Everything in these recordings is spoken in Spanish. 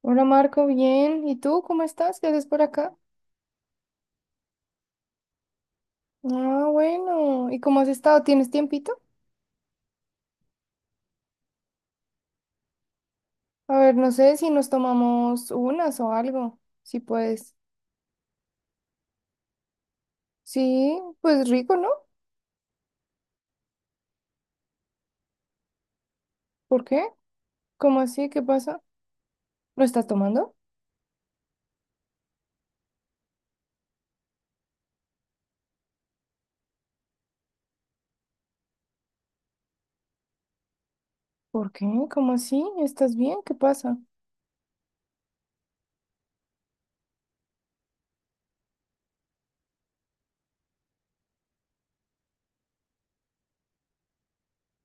Hola Marco, bien. ¿Y tú cómo estás? ¿Qué haces por acá? Ah, bueno. ¿Y cómo has estado? ¿Tienes tiempito? A ver, no sé si nos tomamos unas o algo. Si puedes. Sí, pues rico, ¿no? ¿Por qué? ¿Cómo así? ¿Qué pasa? ¿No estás tomando? ¿Por qué? ¿Cómo así? ¿Estás bien? ¿Qué pasa?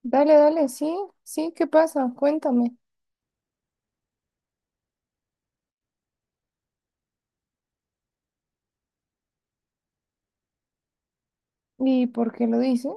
Dale, dale, sí, sí, ¿qué pasa? Cuéntame. ¿Y por qué lo dices?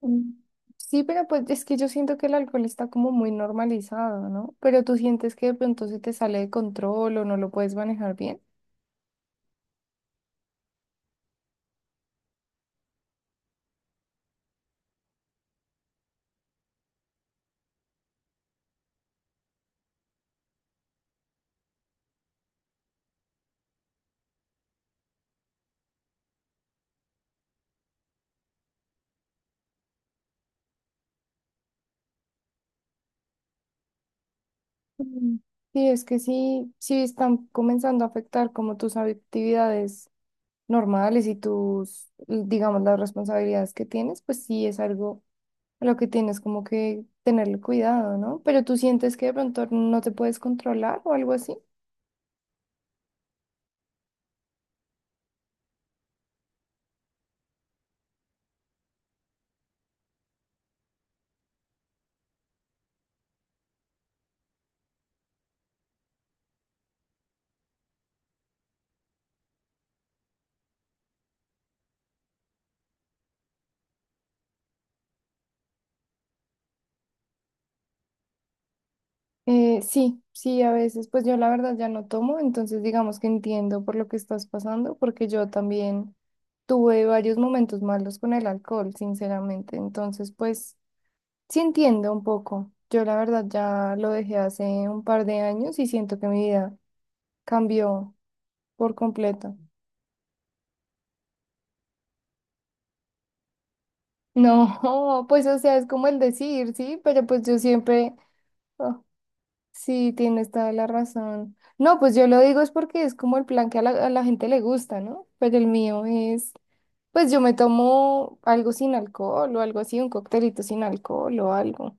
Mm. Sí, pero pues es que yo siento que el alcohol está como muy normalizado, ¿no? Pero tú sientes que de pronto se te sale de control o no lo puedes manejar bien. Mm. Sí, es que sí, sí están comenzando a afectar como tus actividades normales y tus, digamos, las responsabilidades que tienes, pues sí es algo a lo que tienes como que tenerle cuidado, ¿no? Pero tú sientes que de pronto no te puedes controlar o algo así. Sí, sí, a veces, pues yo la verdad ya no tomo, entonces digamos que entiendo por lo que estás pasando, porque yo también tuve varios momentos malos con el alcohol, sinceramente, entonces pues sí entiendo un poco. Yo la verdad ya lo dejé hace un par de años y siento que mi vida cambió por completo. No, pues o sea, es como el decir, sí, pero pues yo siempre... Ah, sí, tienes toda la razón. No, pues yo lo digo es porque es como el plan que a la gente le gusta, ¿no? Pero el mío es, pues yo me tomo algo sin alcohol o algo así, un coctelito sin alcohol o algo.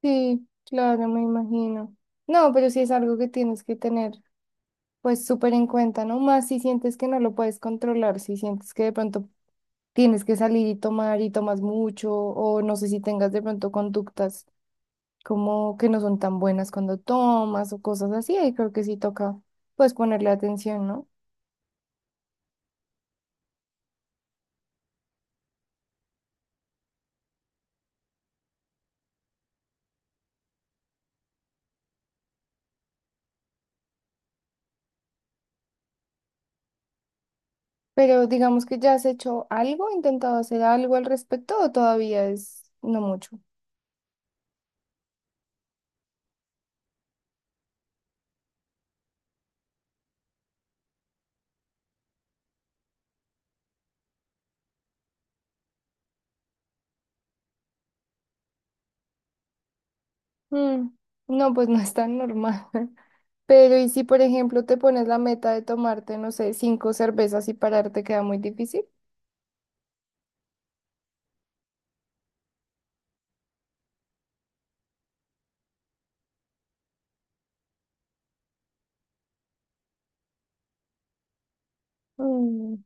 Sí, claro, me imagino. No, pero sí es algo que tienes que tener pues súper en cuenta, ¿no? Más si sientes que no lo puedes controlar, si sientes que de pronto tienes que salir y tomar y tomas mucho o no sé si tengas de pronto conductas como que no son tan buenas cuando tomas o cosas así, ahí creo que sí toca pues ponerle atención, ¿no? Pero digamos que ya has hecho algo, intentado hacer algo al respecto o todavía es no mucho. Mm, no, pues no es tan normal. Pero ¿y si por ejemplo te pones la meta de tomarte, no sé, 5 cervezas y pararte queda muy difícil? Mm,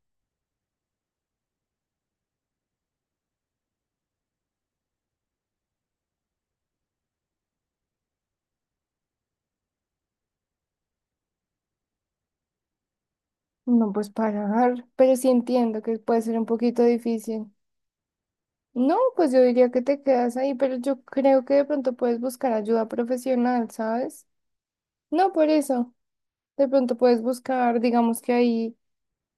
no, pues parar, pero sí entiendo que puede ser un poquito difícil. No, pues yo diría que te quedas ahí, pero yo creo que de pronto puedes buscar ayuda profesional, ¿sabes? No, por eso. De pronto puedes buscar, digamos que hay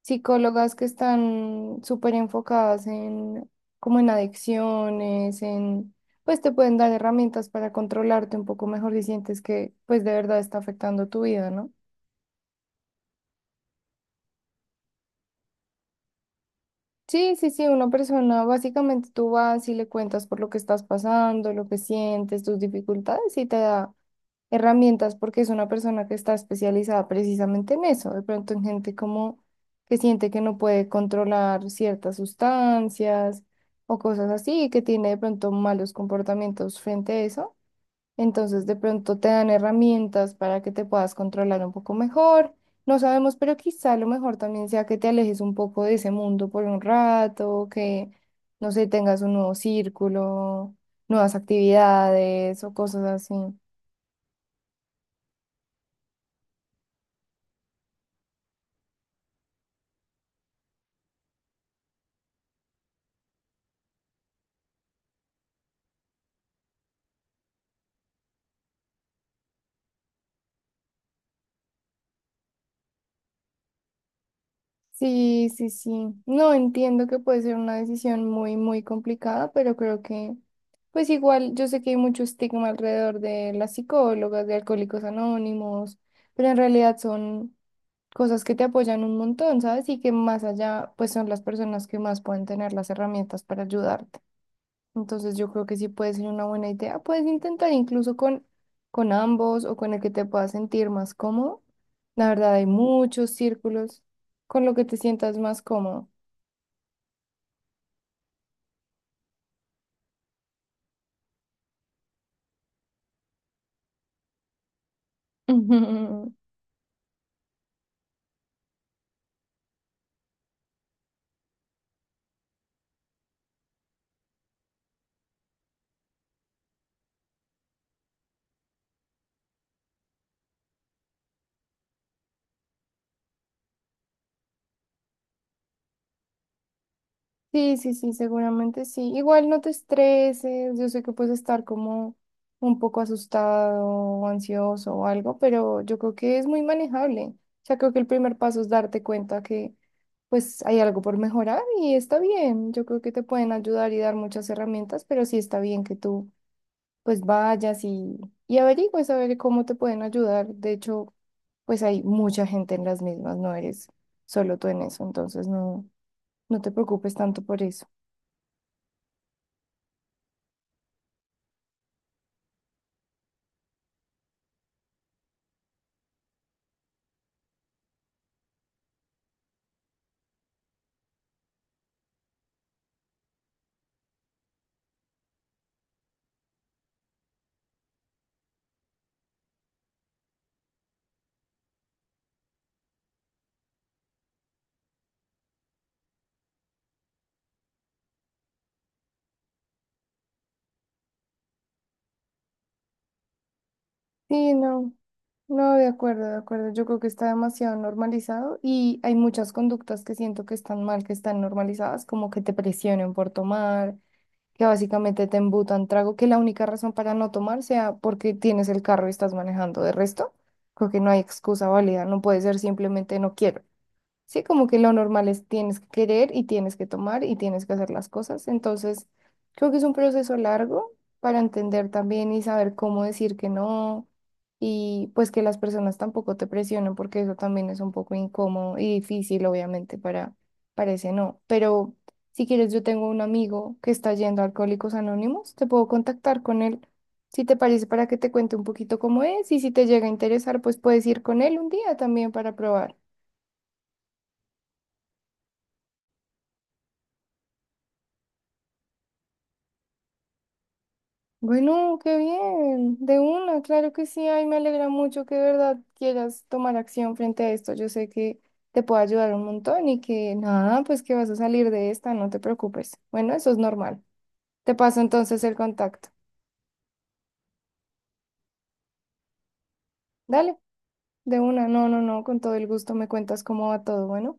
psicólogas que están súper enfocadas en, como en adicciones, en, pues te pueden dar herramientas para controlarte un poco mejor si sientes que, pues de verdad está afectando tu vida, ¿no? Sí, sí, sí, una persona, básicamente tú vas y le cuentas por lo que estás pasando, lo que sientes, tus dificultades y te da herramientas porque es una persona que está especializada precisamente en eso, de pronto en gente como que siente que no puede controlar ciertas sustancias o cosas así, que tiene de pronto malos comportamientos frente a eso. Entonces, de pronto te dan herramientas para que te puedas controlar un poco mejor. No sabemos, pero quizá lo mejor también sea que te alejes un poco de ese mundo por un rato, que, no sé, tengas un nuevo círculo, nuevas actividades o cosas así. Sí, sí, sí. No entiendo que puede ser una decisión muy, muy complicada, pero creo que, pues igual, yo sé que hay mucho estigma alrededor de las psicólogas, de Alcohólicos Anónimos, pero en realidad son cosas que te apoyan un montón, ¿sabes? Y que más allá, pues son las personas que más pueden tener las herramientas para ayudarte. Entonces yo creo que sí puede ser una buena idea. Puedes intentar incluso con ambos o con el que te puedas sentir más cómodo. La verdad, hay muchos círculos con lo que te sientas más cómodo. Sí, sí, sí, seguramente sí. Igual no te estreses, yo sé que puedes estar como un poco asustado o ansioso o algo, pero yo creo que es muy manejable. O sea, creo que el primer paso es darte cuenta que pues hay algo por mejorar y está bien. Yo creo que te pueden ayudar y dar muchas herramientas, pero sí está bien que tú pues vayas y averigües a ver cómo te pueden ayudar. De hecho, pues hay mucha gente en las mismas, no eres solo tú en eso, entonces no, no te preocupes tanto por eso. Sí, no, no, de acuerdo, de acuerdo. Yo creo que está demasiado normalizado y hay muchas conductas que siento que están mal, que están normalizadas, como que te presionen por tomar, que básicamente te embutan trago, que la única razón para no tomar sea porque tienes el carro y estás manejando. De resto, creo que no hay excusa válida, no puede ser simplemente no quiero. Sí, como que lo normal es tienes que querer y tienes que tomar y tienes que hacer las cosas. Entonces, creo que es un proceso largo para entender también y saber cómo decir que no y pues que las personas tampoco te presionen porque eso también es un poco incómodo y difícil, obviamente, para ese no. Pero si quieres, yo tengo un amigo que está yendo a Alcohólicos Anónimos, te puedo contactar con él. Si te parece, para que te cuente un poquito cómo es y si te llega a interesar, pues puedes ir con él un día también para probar. Bueno, qué bien, de una, claro que sí, ay, me alegra mucho que de verdad quieras tomar acción frente a esto. Yo sé que te puedo ayudar un montón y que nada, pues que vas a salir de esta, no te preocupes. Bueno, eso es normal. Te paso entonces el contacto. Dale, de una, no, no, no, con todo el gusto me cuentas cómo va todo, bueno.